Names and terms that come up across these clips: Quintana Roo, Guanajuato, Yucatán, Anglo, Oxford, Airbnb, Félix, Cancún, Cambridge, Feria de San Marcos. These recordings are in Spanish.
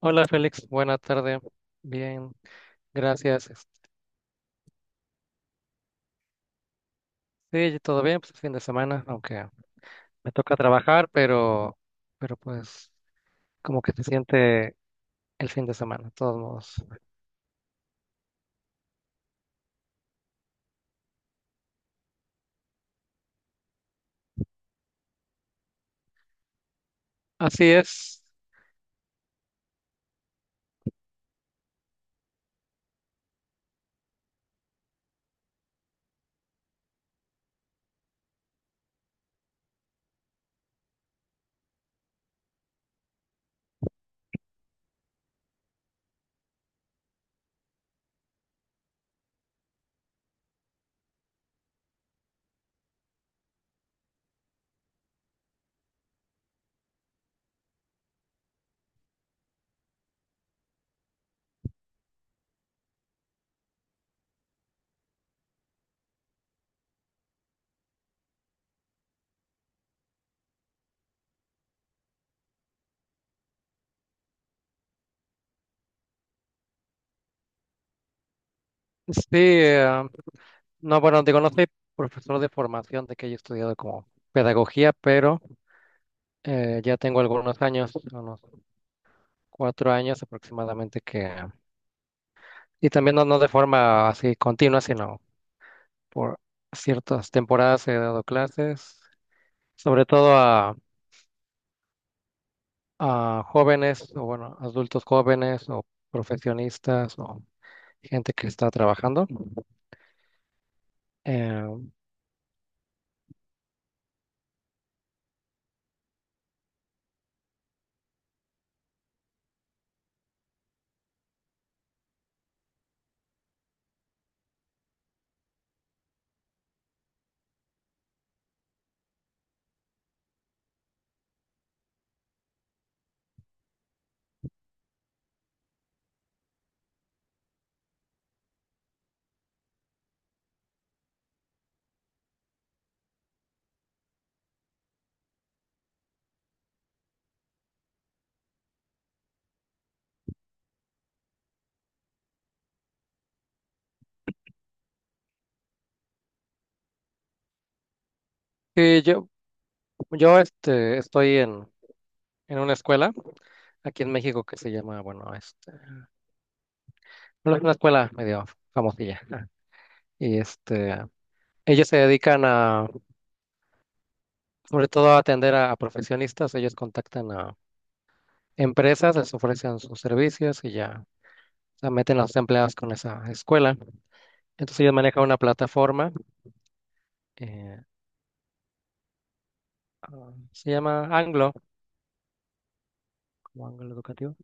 Hola Félix, buena tarde. Bien, gracias. Sí, todo bien, pues es fin de semana, aunque me toca trabajar, pero pues como que se siente el fin de semana, de todos modos. Así es. Sí, no, bueno, digo, no soy profesor de formación, de que haya estudiado como pedagogía, pero ya tengo algunos años, unos cuatro años aproximadamente que, y también no, no de forma así continua, sino por ciertas temporadas he dado clases sobre todo a jóvenes o bueno, adultos jóvenes o profesionistas o gente que está trabajando. Eh, y yo, yo estoy en una escuela aquí en México que se llama, bueno, bueno, es una escuela medio famosilla. Y ellos se dedican a, sobre todo a atender a profesionistas. Ellos contactan a empresas, les ofrecen sus servicios y ya. O sea, meten a los empleados con esa escuela. Entonces ellos manejan una plataforma eh, ah, se llama Anglo, como Anglo Educativo.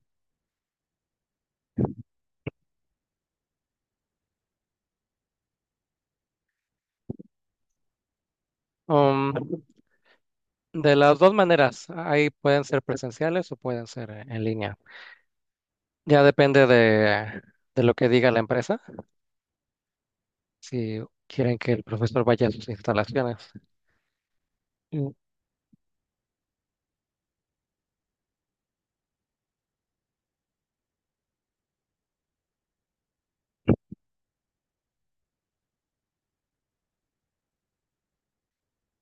Um, de las dos maneras, ahí pueden ser presenciales o pueden ser en línea. Ya depende de lo que diga la empresa, si quieren que el profesor vaya a sus instalaciones. Mm,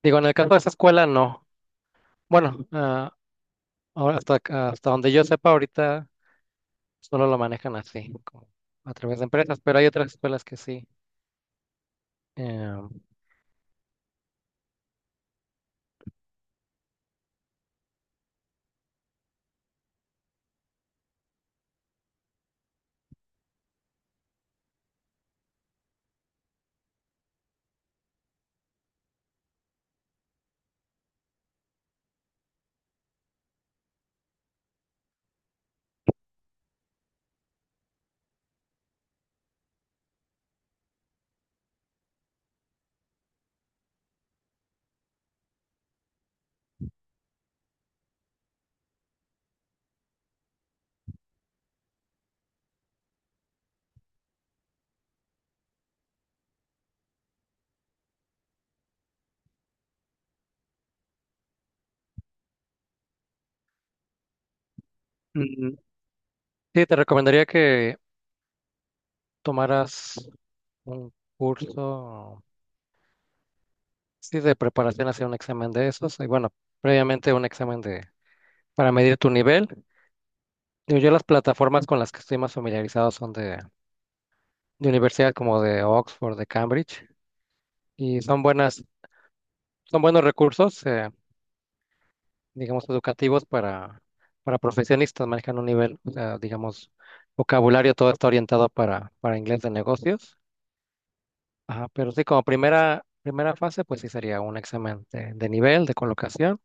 Digo, en el caso de esa escuela, no. Bueno, ahora hasta, hasta donde yo sepa, ahorita solo lo manejan así, como a través de empresas, pero hay otras escuelas que sí. Eh, mm, sí, te recomendaría que tomaras un curso. Sí, de preparación hacia un examen de esos. Y bueno, previamente un examen de para medir tu nivel. Digo, yo las plataformas con las que estoy más familiarizado son de universidades como de Oxford, de Cambridge, y son buenas, son buenos recursos, digamos, educativos para profesionistas. Manejan un nivel, o sea, digamos, vocabulario, todo está orientado para inglés de negocios. Ajá, pero sí, como primera, primera fase, pues sí sería un examen de nivel, de colocación.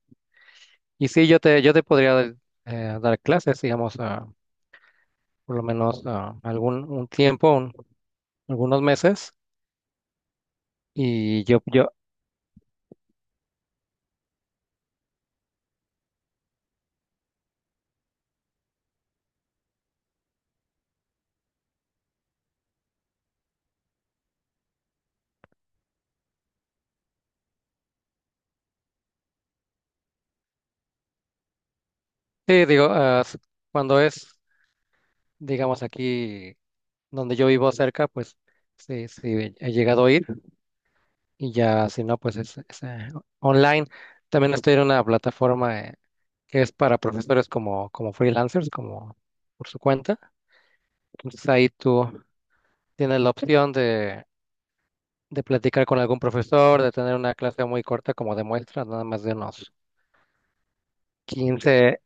Y sí, yo te podría dar clases, digamos, por lo menos algún un tiempo, algunos meses. Y yo sí, digo, cuando es, digamos, aquí donde yo vivo cerca, pues sí, sí, he llegado a ir. Y ya, si no, pues es online. También estoy en una plataforma que es para profesores como, como freelancers, como por su cuenta. Entonces ahí tú tienes la opción de platicar con algún profesor, de tener una clase muy corta como de muestra, nada más de unos quince.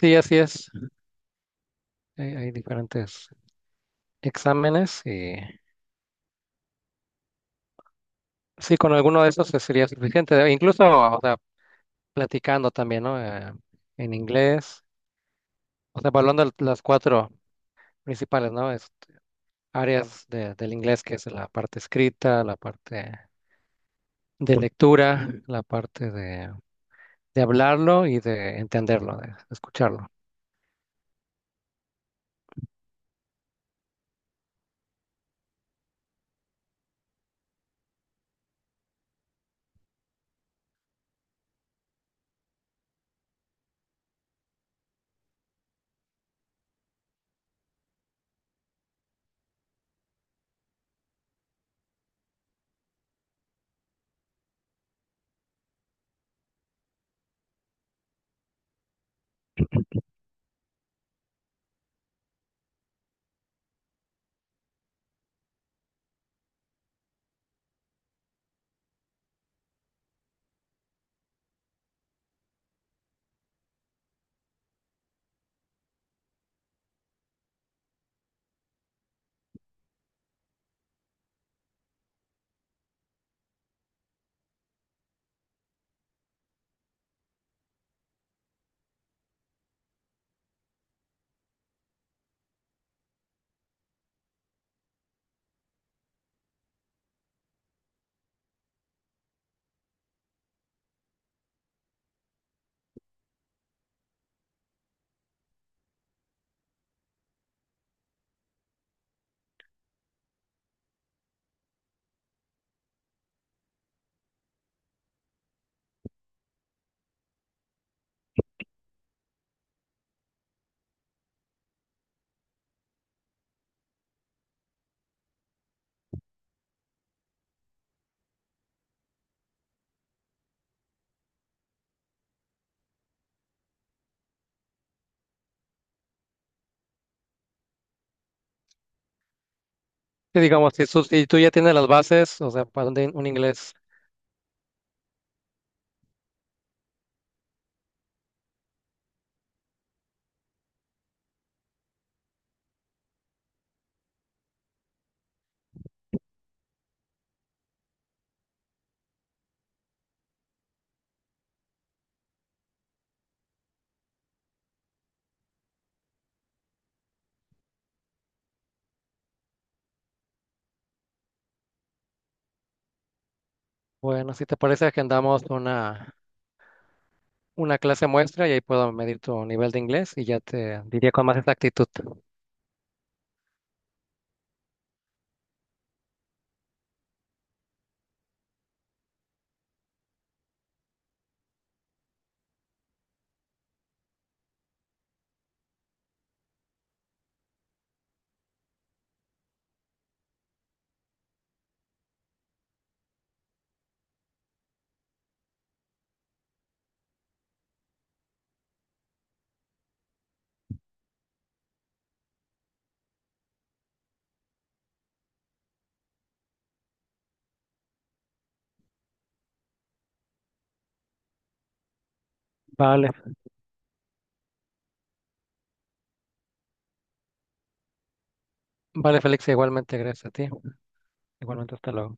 Sí, así es. Hay diferentes exámenes y sí, con alguno de esos sería suficiente. Incluso, o sea, platicando también, ¿no? En inglés, o sea, evaluando las cuatro principales, ¿no? Áreas del inglés, que es la parte escrita, la parte de lectura, la parte de hablarlo y de entenderlo, de escucharlo. Sí, digamos, si tú ya tienes las bases, o sea, para un, un inglés, bueno, si te parece, agendamos una clase muestra y ahí puedo medir tu nivel de inglés y ya te diría con más exactitud. Vale, vale, Félix, igualmente, gracias a ti. Igualmente, hasta luego.